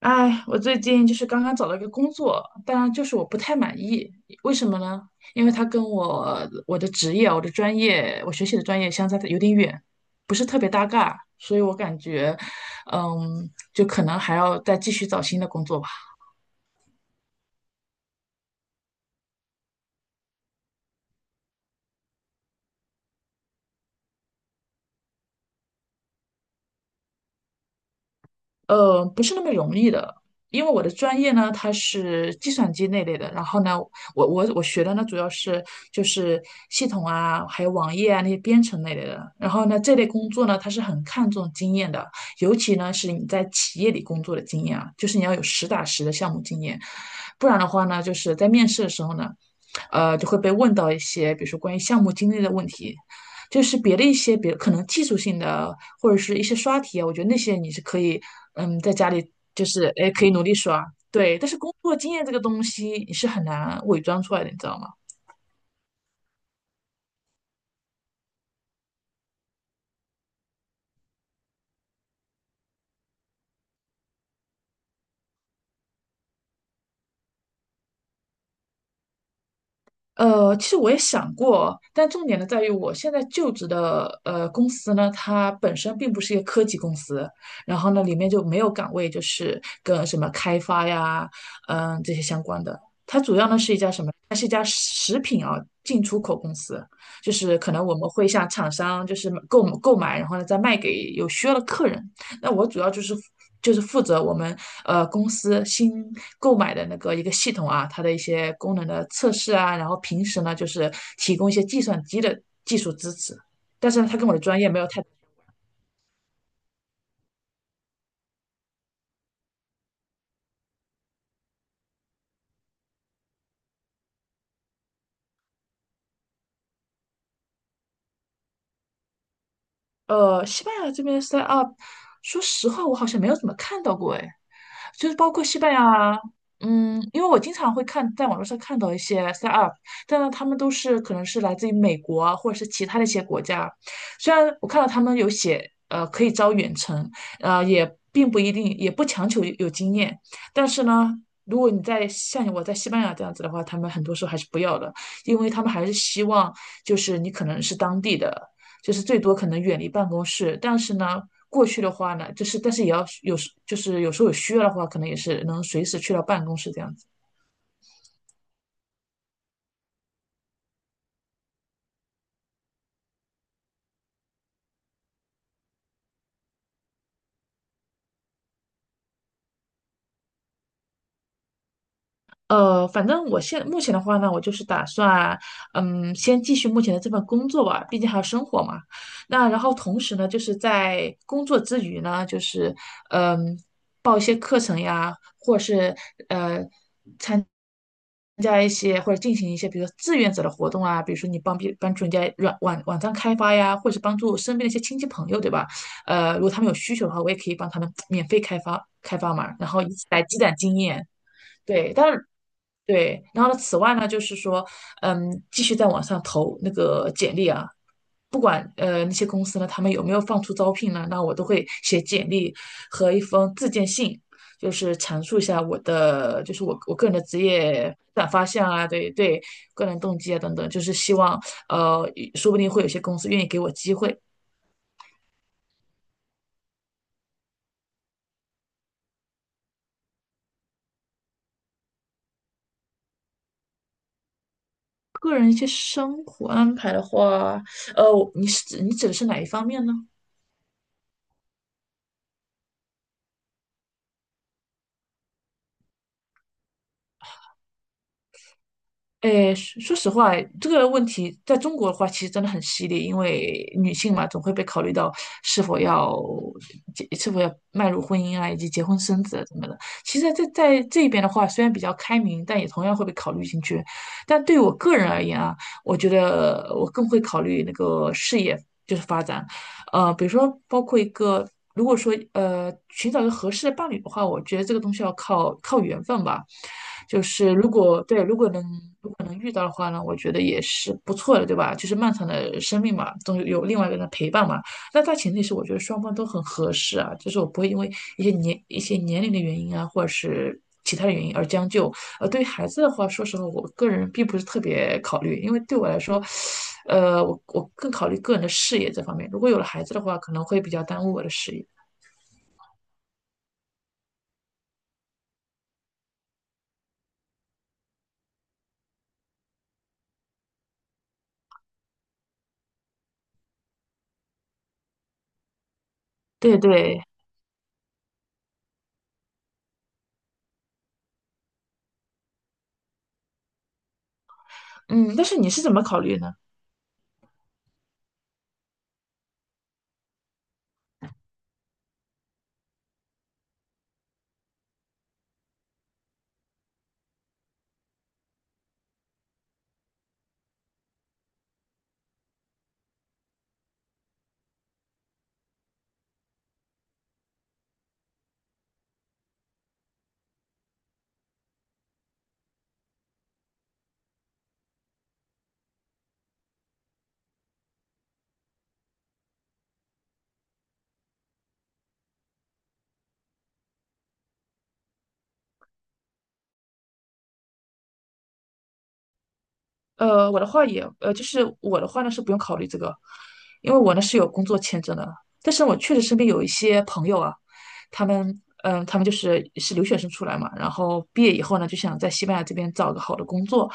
哎，我最近就是刚刚找了一个工作，当然就是我不太满意，为什么呢？因为它跟我的职业、我的专业、我学习的专业相差得有点远，不是特别搭嘎，所以我感觉，就可能还要再继续找新的工作吧。不是那么容易的，因为我的专业呢，它是计算机那类的。然后呢，我学的呢，主要是就是系统啊，还有网页啊那些编程那类的。然后呢，这类工作呢，它是很看重经验的，尤其呢是你在企业里工作的经验啊，就是你要有实打实的项目经验，不然的话呢，就是在面试的时候呢，就会被问到一些，比如说关于项目经历的问题。就是别的一些别可能技术性的或者是一些刷题啊，我觉得那些你是可以，在家里就是哎可以努力刷，对，但是工作经验这个东西你是很难伪装出来的，你知道吗？其实我也想过，但重点呢在于我现在就职的公司呢，它本身并不是一个科技公司，然后呢里面就没有岗位就是跟什么开发呀，这些相关的。它主要呢是一家什么？它是一家食品啊进出口公司，就是可能我们会向厂商就是购买，然后呢再卖给有需要的客人。那我主要就是负责我们公司新购买的那个一个系统啊，它的一些功能的测试啊，然后平时呢就是提供一些计算机的技术支持，但是呢它跟我的专业没有太。西班牙这边的 s t up，说实话，我好像没有怎么看到过，哎，就是包括西班牙，因为我经常会看在网络上看到一些 s e t up，但呢，他们都是可能是来自于美国啊或者是其他的一些国家，虽然我看到他们有写，可以招远程，也并不一定，也不强求有经验，但是呢。如果你在像我在西班牙这样子的话，他们很多时候还是不要的，因为他们还是希望就是你可能是当地的，就是最多可能远离办公室。但是呢，过去的话呢，就是但是也要有就是有时候有需要的话，可能也是能随时去到办公室这样子。反正我现目前的话呢，我就是打算，先继续目前的这份工作吧，毕竟还有生活嘛。那然后同时呢，就是在工作之余呢，就是嗯，等呀，或是呃参加一些或者进行一些，比如说志愿者的活动啊，比如说你帮别帮助人家软网网站开发呀，或者是帮助身边的一些亲戚朋友，对吧？如果他们有需求的话，我也可以帮他们免费开发开发嘛，然后以此来积攒经验。对，但是对，然后呢，此外呢，就是说，继续在网上投那个简历啊，不管那些公司呢，他们有没有放出招聘呢，那我都会写简历和一封自荐信，就是阐述一下我的，就是我个人的职业发展方向啊，对对，个人动机啊等等，就是希望呃，说不定会有些公司愿意给我机会。个人一些生活安排的话，呃，你指的是哪一方面呢？诶，说实话，这个问题在中国的话，其实真的很犀利，因为女性嘛，总会被考虑到是否要结，是否要迈入婚姻啊，以及结婚生子啊什么的。其实在这边的话，虽然比较开明，但也同样会被考虑进去。但对我个人而言啊，我觉得我更会考虑那个事业，就是发展。比如说包括一个，如果说寻找一个合适的伴侣的话，我觉得这个东西要靠缘分吧。就是如果能遇到的话呢，我觉得也是不错的，对吧？就是漫长的生命嘛，总有另外一个人的陪伴嘛。那大前提是我觉得双方都很合适啊，就是我不会因为一些年龄的原因啊，或者是其他的原因而将就。对于孩子的话，说实话，我个人并不是特别考虑，因为对我来说，我更考虑个人的事业这方面。如果有了孩子的话，可能会比较耽误我的事业。对对，嗯，但是你是怎么考虑呢？我的话也，呃，就是我的话呢是不用考虑这个，因为我呢是有工作签证的。但是我确实身边有一些朋友啊，他们就是留学生出来嘛，然后毕业以后呢就想在西班牙这边找个好的工作，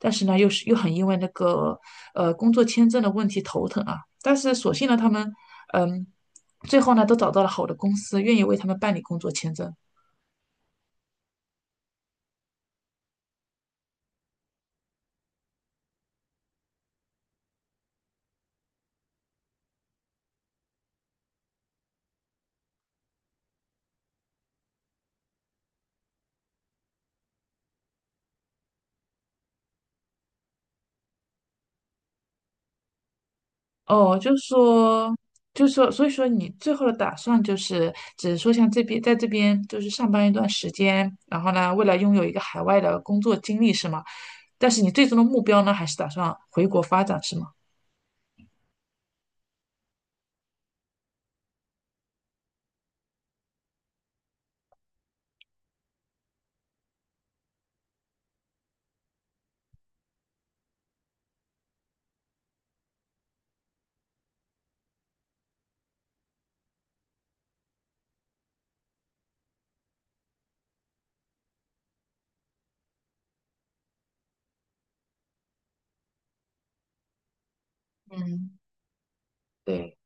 但是呢又是又很因为那个工作签证的问题头疼啊。但是所幸呢他们，嗯，最后呢都找到了好的公司，愿意为他们办理工作签证。哦，就说，所以说你最后的打算就是，只是说像这边，在这边就是上班一段时间，然后呢，未来拥有一个海外的工作经历是吗？但是你最终的目标呢，还是打算回国发展是吗？嗯，对，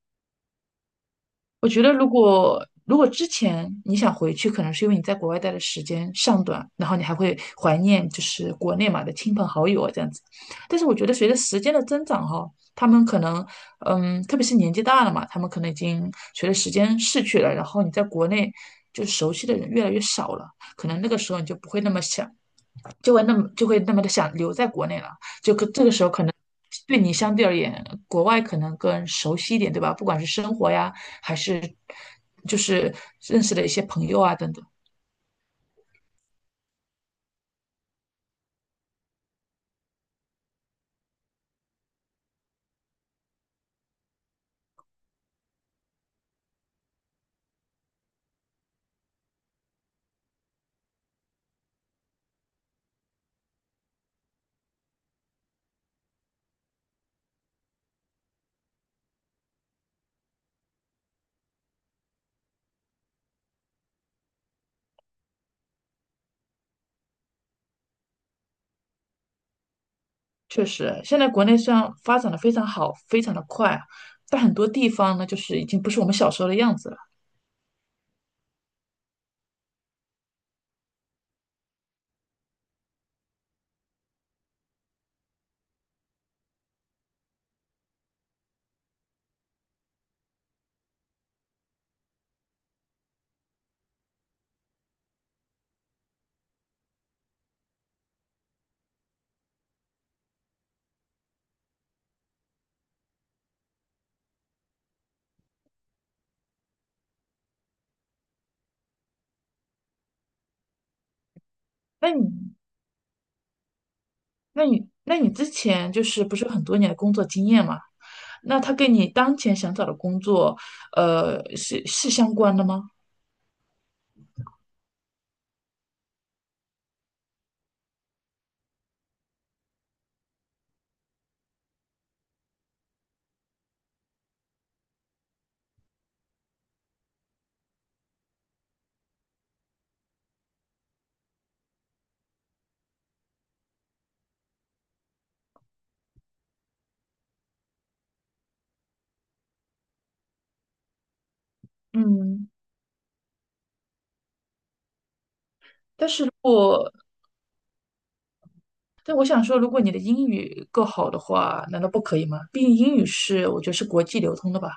我觉得如果之前你想回去，可能是因为你在国外待的时间尚短，然后你还会怀念就是国内嘛的亲朋好友啊这样子。但是我觉得随着时间的增长哈，他们可能特别是年纪大了嘛，他们可能已经随着时间逝去了，然后你在国内就熟悉的人越来越少了，可能那个时候你就不会那么想。就会那么的想留在国内了，这个时候可能对你相对而言，国外可能更熟悉一点，对吧？不管是生活呀，还是就是认识的一些朋友啊等等。确实，现在国内虽然发展的非常好，非常的快啊，但很多地方呢，就是已经不是我们小时候的样子了。那你，那你之前就是不是有很多年的工作经验嘛？那他跟你当前想找的工作，是相关的吗？嗯，但是如果但我想说，如果你的英语够好的话，难道不可以吗？毕竟英语是我觉得是国际流通的吧。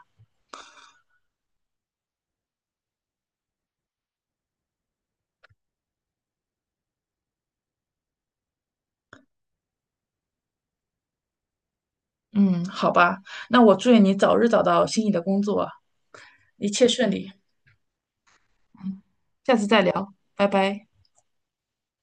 嗯，好吧，那我祝愿你早日找到心仪的工作，一切顺利，下次再聊，拜拜。